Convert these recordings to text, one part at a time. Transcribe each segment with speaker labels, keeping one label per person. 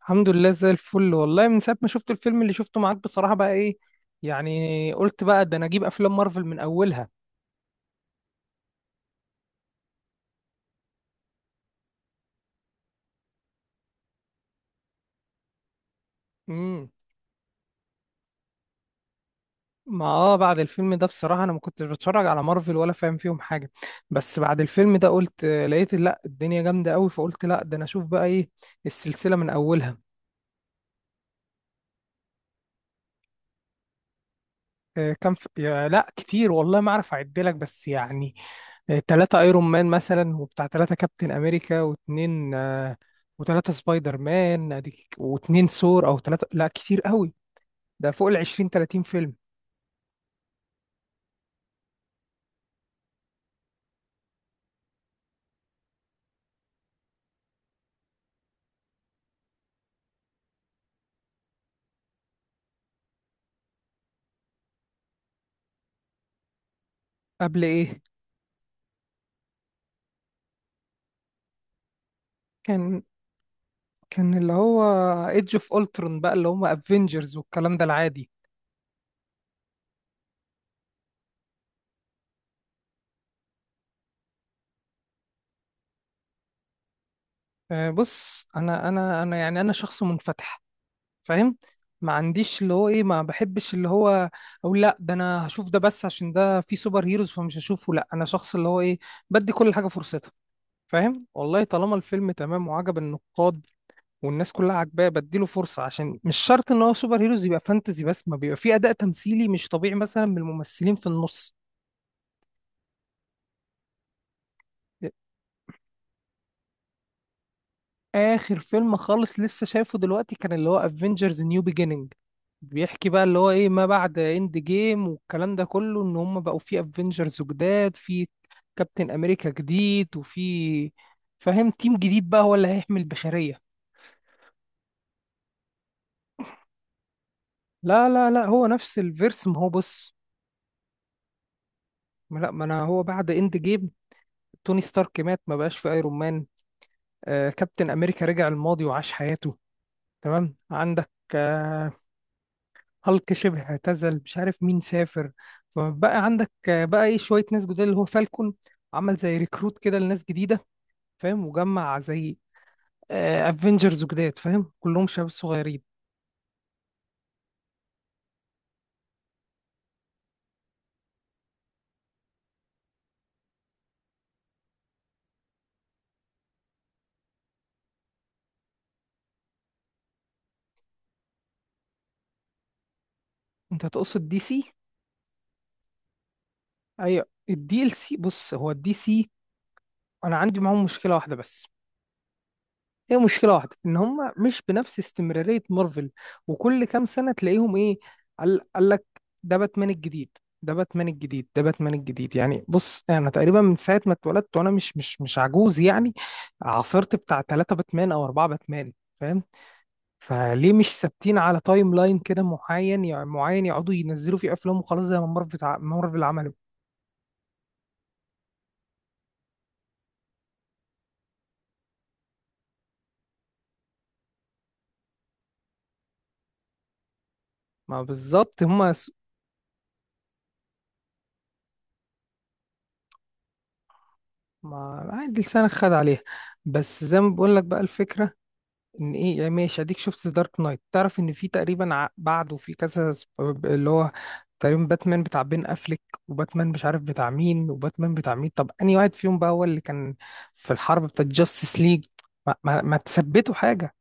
Speaker 1: الحمد لله، زي الفل والله. من ساعة ما شفت الفيلم اللي شفته معاك بصراحة، بقى ايه يعني، قلت بقى ده انا اجيب افلام مارفل من اولها. امم ما بعد الفيلم ده بصراحة انا ما كنتش بتفرج على مارفل ولا فاهم فيهم حاجة. بس بعد الفيلم ده قلت آه، لقيت لا الدنيا جامدة قوي، فقلت لا، ده انا اشوف بقى ايه السلسلة من اولها. كان في يا لا كتير والله ما اعرف اعدلك بس يعني. تلاتة ايرون مان مثلا، وبتاع تلاتة كابتن امريكا، واتنين، وتلاتة سبايدر مان، واتنين ثور او تلاتة، لا كتير قوي. ده فوق ال 20 30 فيلم. قبل ايه؟ كان كان اللي هو ايدج اوف اولترون بقى، اللي هم افنجرز والكلام ده العادي. بص، انا يعني انا شخص منفتح، فاهم؟ ما عنديش اللي هو ايه، ما بحبش اللي هو اقول لا ده انا هشوف ده بس عشان ده فيه سوبر هيروز فمش هشوفه. لا، انا شخص اللي هو ايه، بدي كل حاجة فرصتها، فاهم؟ والله طالما الفيلم تمام وعجب النقاد والناس كلها عاجباه، بديله فرصه، عشان مش شرط ان هو سوبر هيروز يبقى فانتزي، بس ما بيبقى فيه اداء تمثيلي مش طبيعي مثلا من الممثلين في النص. اخر فيلم خالص لسه شايفه دلوقتي كان اللي هو افنجرز نيو بيجيننج. بيحكي بقى اللي هو ايه، ما بعد اند جيم والكلام ده كله، ان هم بقوا في افنجرز جداد، في كابتن امريكا جديد، وفي فاهم تيم جديد بقى هو اللي هيحمي البشرية. لا لا لا، هو نفس الفيرس، ما هو بص، ما انا هو بعد اند جيم، توني ستارك مات ما بقاش في ايرون مان. كابتن امريكا رجع الماضي وعاش حياته، تمام. عندك هالك شبه اعتزل، مش عارف مين سافر. فبقى عندك بقى ايه، شويه ناس جداد، اللي هو فالكون عمل زي ريكروت كده لناس جديده، فاهم؟ وجمع زي افنجرز جداد، فاهم؟ كلهم شباب صغيرين. انت تقصد دي سي؟ اي، الدي ال سي. بص، هو الدي سي انا عندي معاهم مشكله واحده بس. هي مشكلة واحدة إن هم مش بنفس استمرارية مارفل، وكل كام سنة تلاقيهم إيه، قال لك ده باتمان الجديد، ده باتمان الجديد، ده باتمان الجديد. يعني بص، أنا تقريبا من ساعة ما اتولدت، وأنا مش عجوز يعني، عاصرت بتاع ثلاثة باتمان أو أربعة باتمان، فاهم؟ فليه مش ثابتين على تايم لاين كده معين، يعني معين يقعدوا ينزلوا فيه أفلام وخلاص، زي ما مارفل مارفل عملوا. ما بالظبط هم. ما عادي، لسانك خد عليها. بس زي ما بقول لك بقى، الفكرة ان ايه يعني، ماشي، اديك شفت دارك نايت، تعرف ان في تقريبا بعده في كذا اللي هو تقريبا باتمان بتاع بين افليك، وباتمان مش عارف بتاع مين، وباتمان بتاع مين. طب انهي واحد فيهم بقى هو اللي كان في الحرب بتاعت جاستس ليج؟ ما تثبتوا حاجه.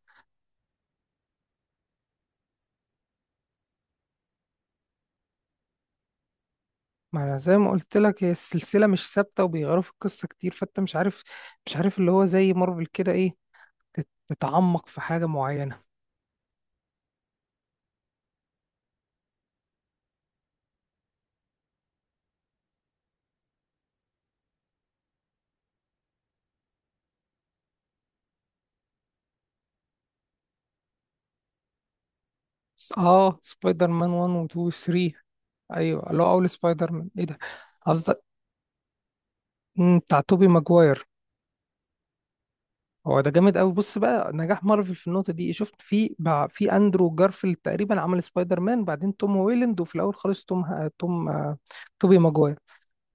Speaker 1: ما انا زي ما قلت لك، هي السلسله مش ثابته وبيغيروا في القصه كتير، فانت مش عارف. مش عارف اللي هو زي مارفل كده ايه، تتعمق في حاجه معينه. اه، سبايدر مان 1 و 2 و 3. ايوه، اللي هو اول سبايدر مان ايه ده، بتاع توبي ماجواير. هو ده جامد قوي. بص بقى، نجاح مارفل في النقطه دي، شفت في في اندرو جارفيلد تقريبا عمل سبايدر مان، بعدين توم هويلاند، وفي الاول خالص توم توم توبي ماجواير.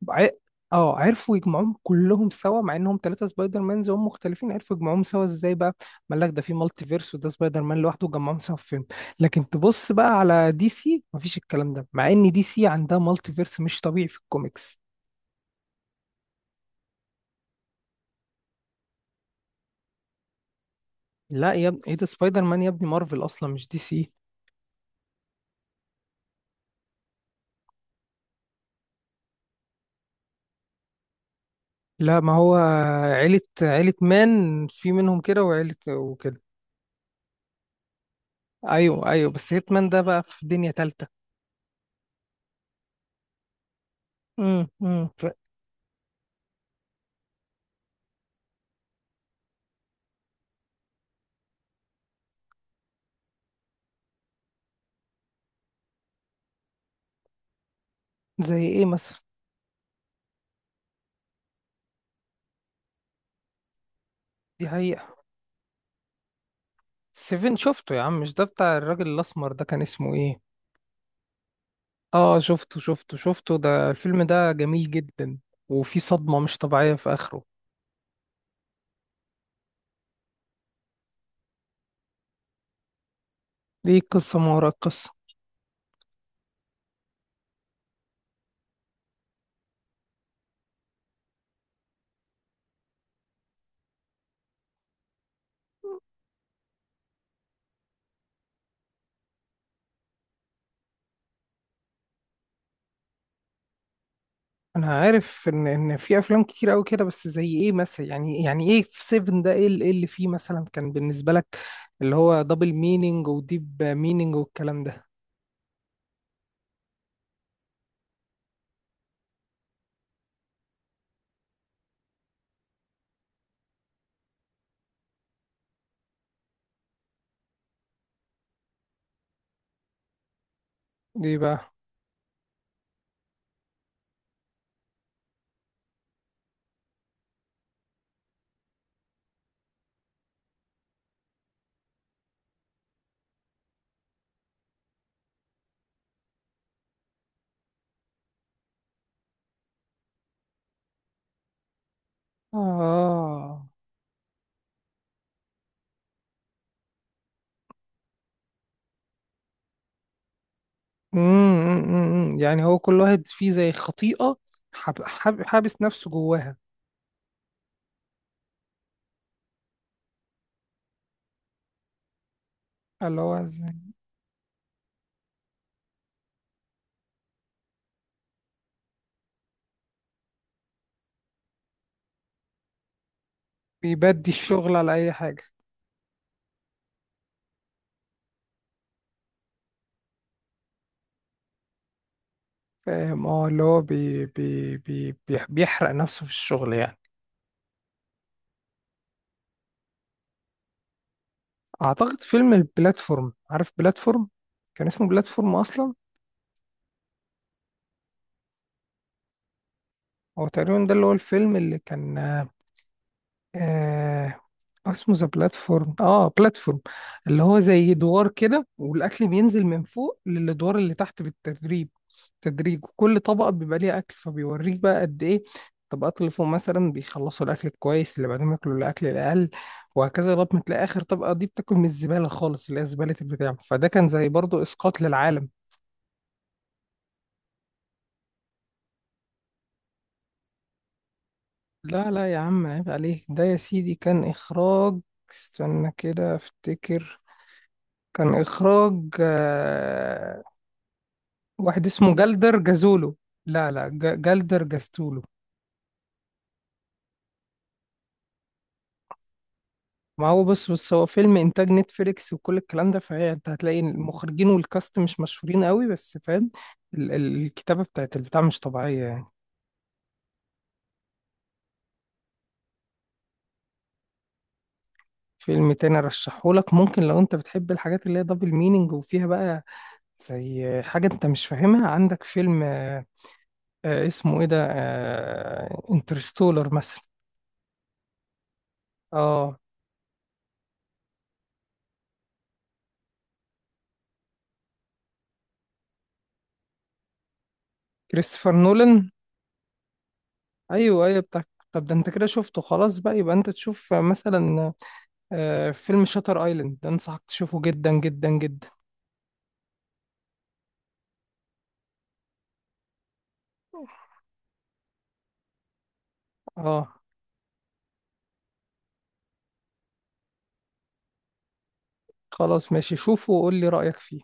Speaker 1: ع- اه، عرفوا يجمعوهم كلهم سوا، مع انهم ثلاثه سبايدر مانز وهم مختلفين، عرفوا يجمعوهم سوا ازاي بقى. قال لك ده في مالتي فيرس، وده سبايدر مان لوحده، وجمعهم سوا في فيلم. لكن تبص بقى على دي سي، مفيش الكلام ده، مع ان دي سي عندها مالتي فيرس مش طبيعي في الكوميكس. لا يا ابني، ايه ده، سبايدر مان يا ابني مارفل اصلا، مش دي سي. لا، ما هو عيلة، عيلة مان في منهم كده، وعيلة وكده. ايوه ايوه، بس هيتمان ده بقى في دنيا تالتة. امم امم ف- زي ايه مثلا. دي حقيقة. سيفن شفته يا عم، مش ده بتاع الراجل الاسمر ده، كان اسمه ايه؟ اه شفته شفته شفته، ده الفيلم ده جميل جدا. وفي صدمة مش طبيعية في اخره. دي قصة ما وراء القصة. انا عارف ان في افلام كتير قوي كده، بس زي ايه مثلا يعني ايه في 7 ده، ايه اللي إيه اللي فيه مثلا كان بالنسبه لك، اللي هو دبل مينينج وديب مينينج والكلام ده. ليه بقى؟ اه. امم إمم، إمم، إمم. يعني هو كل واحد فيه زي خطيئه، حابس نفسه جواها. اللي هو زي- بيبدي الشغل على اي حاجه. فاهم، اه، اللي هو بيحرق نفسه في الشغل يعني. اعتقد فيلم البلاتفورم، عارف بلاتفورم؟ كان اسمه بلاتفورم اصلا. هو تقريبا ده اللي هو الفيلم اللي كان آه، اسمه ذا بلاتفورم، بلاتفورم، اللي هو زي دوار كده، والاكل بينزل من فوق للادوار اللي تحت، بالتدريب، تدريج. وكل طبقه بيبقى ليها اكل، فبيوريك بقى قد ايه الطبقات اللي فوق مثلا بيخلصوا الاكل الكويس، اللي بعدهم ياكلوا الاكل الاقل، وهكذا لغايه ما تلاقي اخر طبقه دي بتاكل من الزباله خالص اللي هي زباله البتاع. فده كان زي برضه اسقاط للعالم. لا لا يا عم، عيب عليك. ده يا سيدي كان اخراج، استنى كده افتكر، كان إخراج، واحد اسمه جلدر جازولو. لا لا، جلدر جاستولو. ما هو بص بص، هو فيلم إنتاج نتفليكس وكل الكلام ده، فهي أنت هتلاقي المخرجين والكاست مش مشهورين قوي، بس فاهم، الكتابة بتاعت البتاع مش طبيعية يعني. فيلم تاني أرشحهولك ممكن، لو أنت بتحب الحاجات اللي هي دبل مينينج وفيها بقى زي حاجة أنت مش فاهمها، عندك فيلم اسمه إيه ده، انترستولر مثلا. اه، كريستوفر نولان. ايوه ايوه، بتاع. طب ده انت كده شفته خلاص بقى، يبقى انت تشوف مثلا فيلم شاتر ايلاند، ده انصحك تشوفه جدا جدا جدا. اه خلاص ماشي، شوفه وقول لي رأيك فيه.